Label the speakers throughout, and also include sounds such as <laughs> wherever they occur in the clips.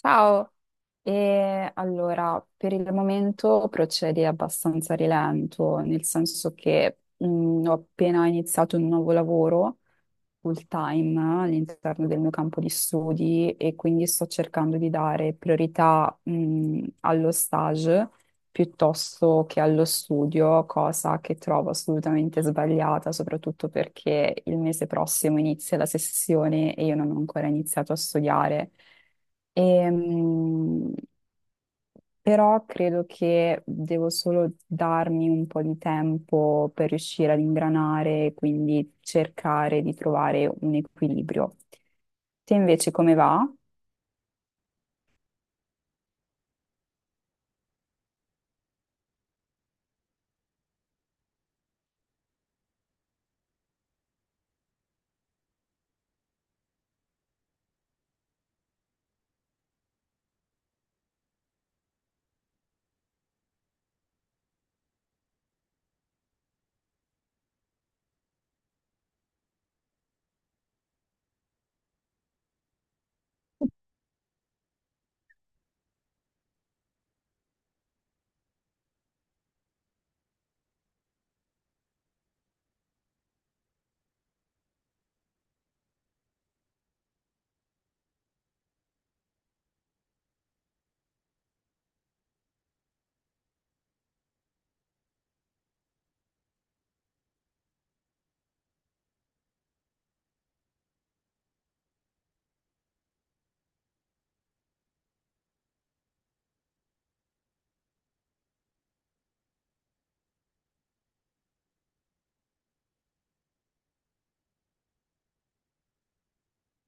Speaker 1: Ciao, e allora per il momento procedi abbastanza a rilento, nel senso che ho appena iniziato un nuovo lavoro full time all'interno del mio campo di studi e quindi sto cercando di dare priorità, allo stage piuttosto che allo studio, cosa che trovo assolutamente sbagliata, soprattutto perché il mese prossimo inizia la sessione e io non ho ancora iniziato a studiare. Ehm, Però credo che devo solo darmi un po' di tempo per riuscire ad ingranare, quindi cercare di trovare un equilibrio. Te invece come va?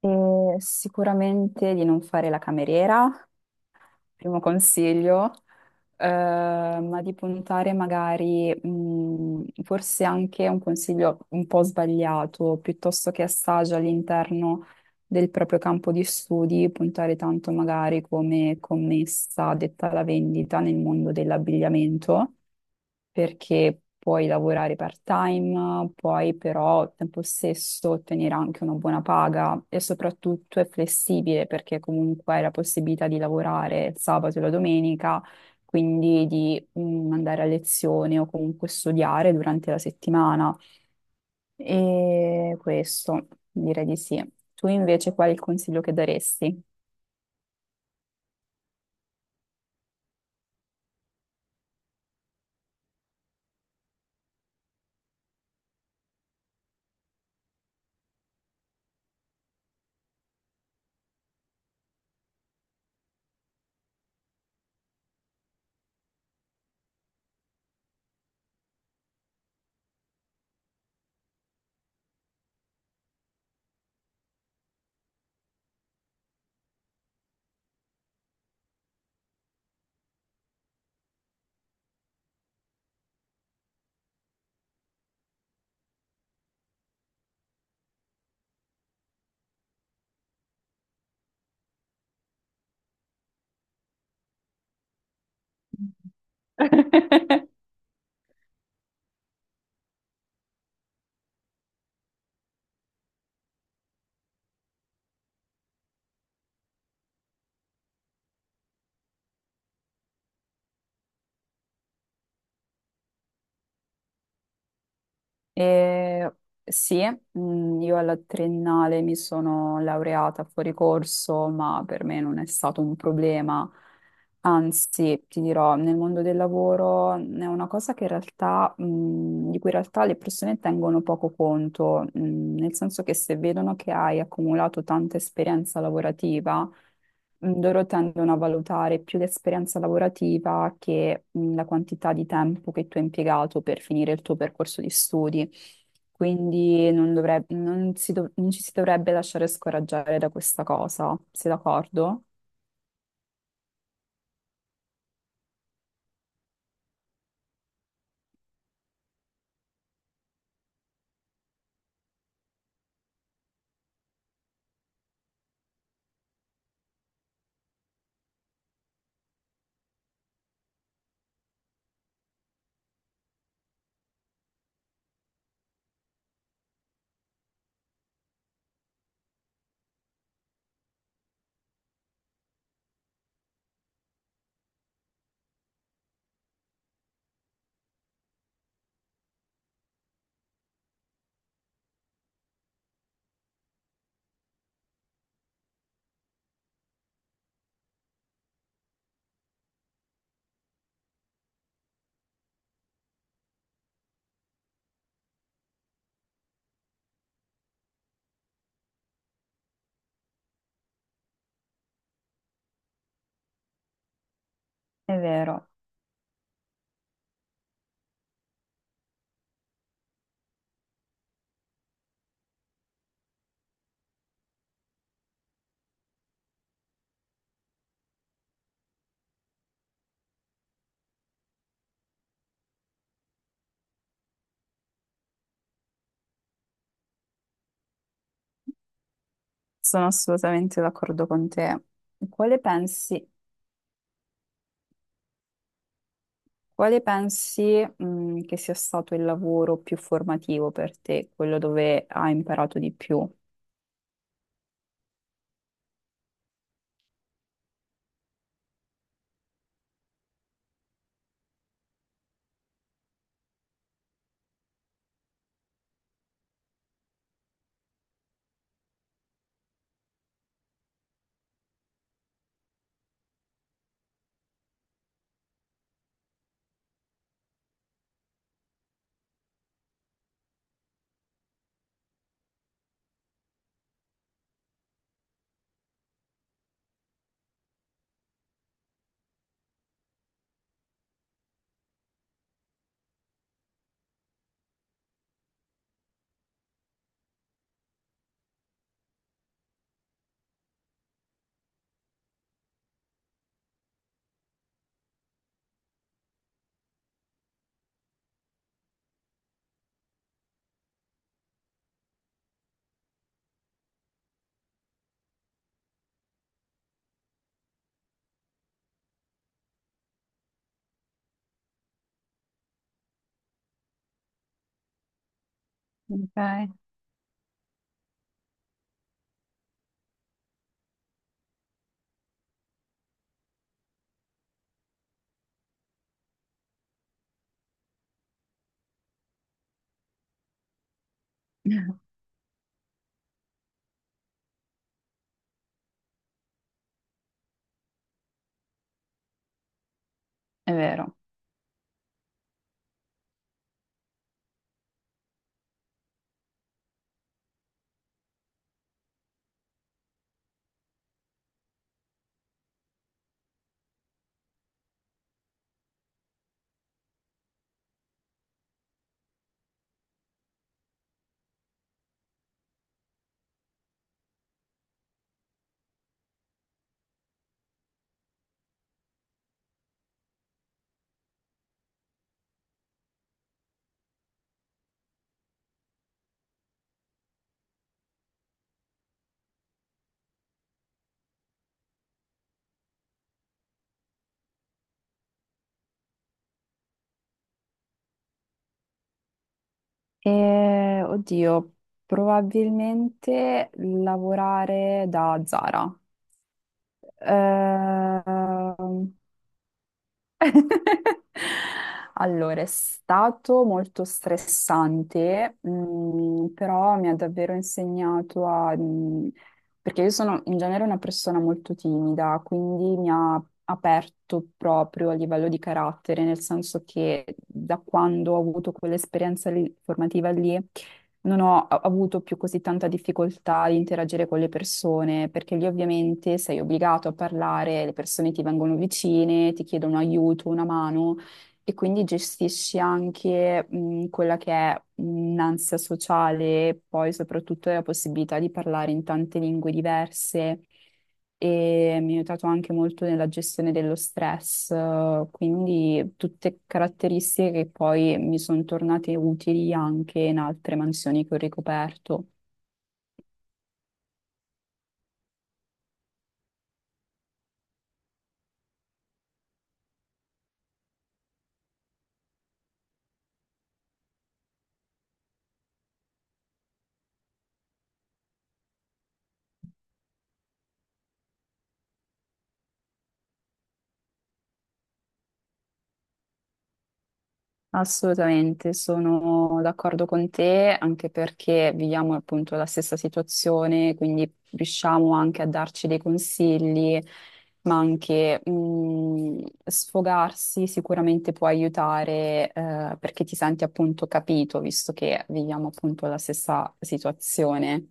Speaker 1: Sicuramente di non fare la cameriera, primo consiglio, ma di puntare magari, forse anche un consiglio un po' sbagliato, piuttosto che assaggi all'interno del proprio campo di studi, puntare tanto magari come commessa detta alla vendita nel mondo dell'abbigliamento perché puoi lavorare part-time, puoi però al tempo stesso ottenere anche una buona paga e soprattutto è flessibile perché comunque hai la possibilità di lavorare il sabato e la domenica, quindi di andare a lezione o comunque studiare durante la settimana. E questo direi di sì. Tu invece qual è il consiglio che daresti? <laughs> E sì, io alla triennale mi sono laureata fuori corso, ma per me non è stato un problema. Anzi, ti dirò, nel mondo del lavoro è una cosa che in realtà, di cui in realtà le persone tengono poco conto, nel senso che se vedono che hai accumulato tanta esperienza lavorativa, loro tendono a valutare più l'esperienza lavorativa che, la quantità di tempo che tu hai impiegato per finire il tuo percorso di studi. Quindi non dovreb- non si dov- non ci si dovrebbe lasciare scoraggiare da questa cosa, sei d'accordo? È vero. Sono assolutamente d'accordo con te. Quale pensi, quale pensi, che sia stato il lavoro più formativo per te, quello dove hai imparato di più? Ok. <laughs> È vero. E, oddio, probabilmente lavorare da Zara. Ehm, <laughs> Allora, è stato molto stressante, però mi ha davvero insegnato a... perché io sono in genere una persona molto timida, quindi mi ha aperto proprio a livello di carattere, nel senso che da quando ho avuto formativa lì non ho avuto più così tanta difficoltà di interagire con le persone, perché lì ovviamente sei obbligato a parlare, le persone ti vengono vicine, ti chiedono aiuto, una mano e quindi gestisci anche quella che è un'ansia sociale, poi soprattutto la possibilità di parlare in tante lingue diverse e mi ha aiutato anche molto nella gestione dello stress, quindi tutte caratteristiche che poi mi sono tornate utili anche in altre mansioni che ho ricoperto. Assolutamente, sono d'accordo con te, anche perché viviamo appunto la stessa situazione, quindi riusciamo anche a darci dei consigli, ma anche sfogarsi sicuramente può aiutare perché ti senti appunto capito, visto che viviamo appunto la stessa situazione.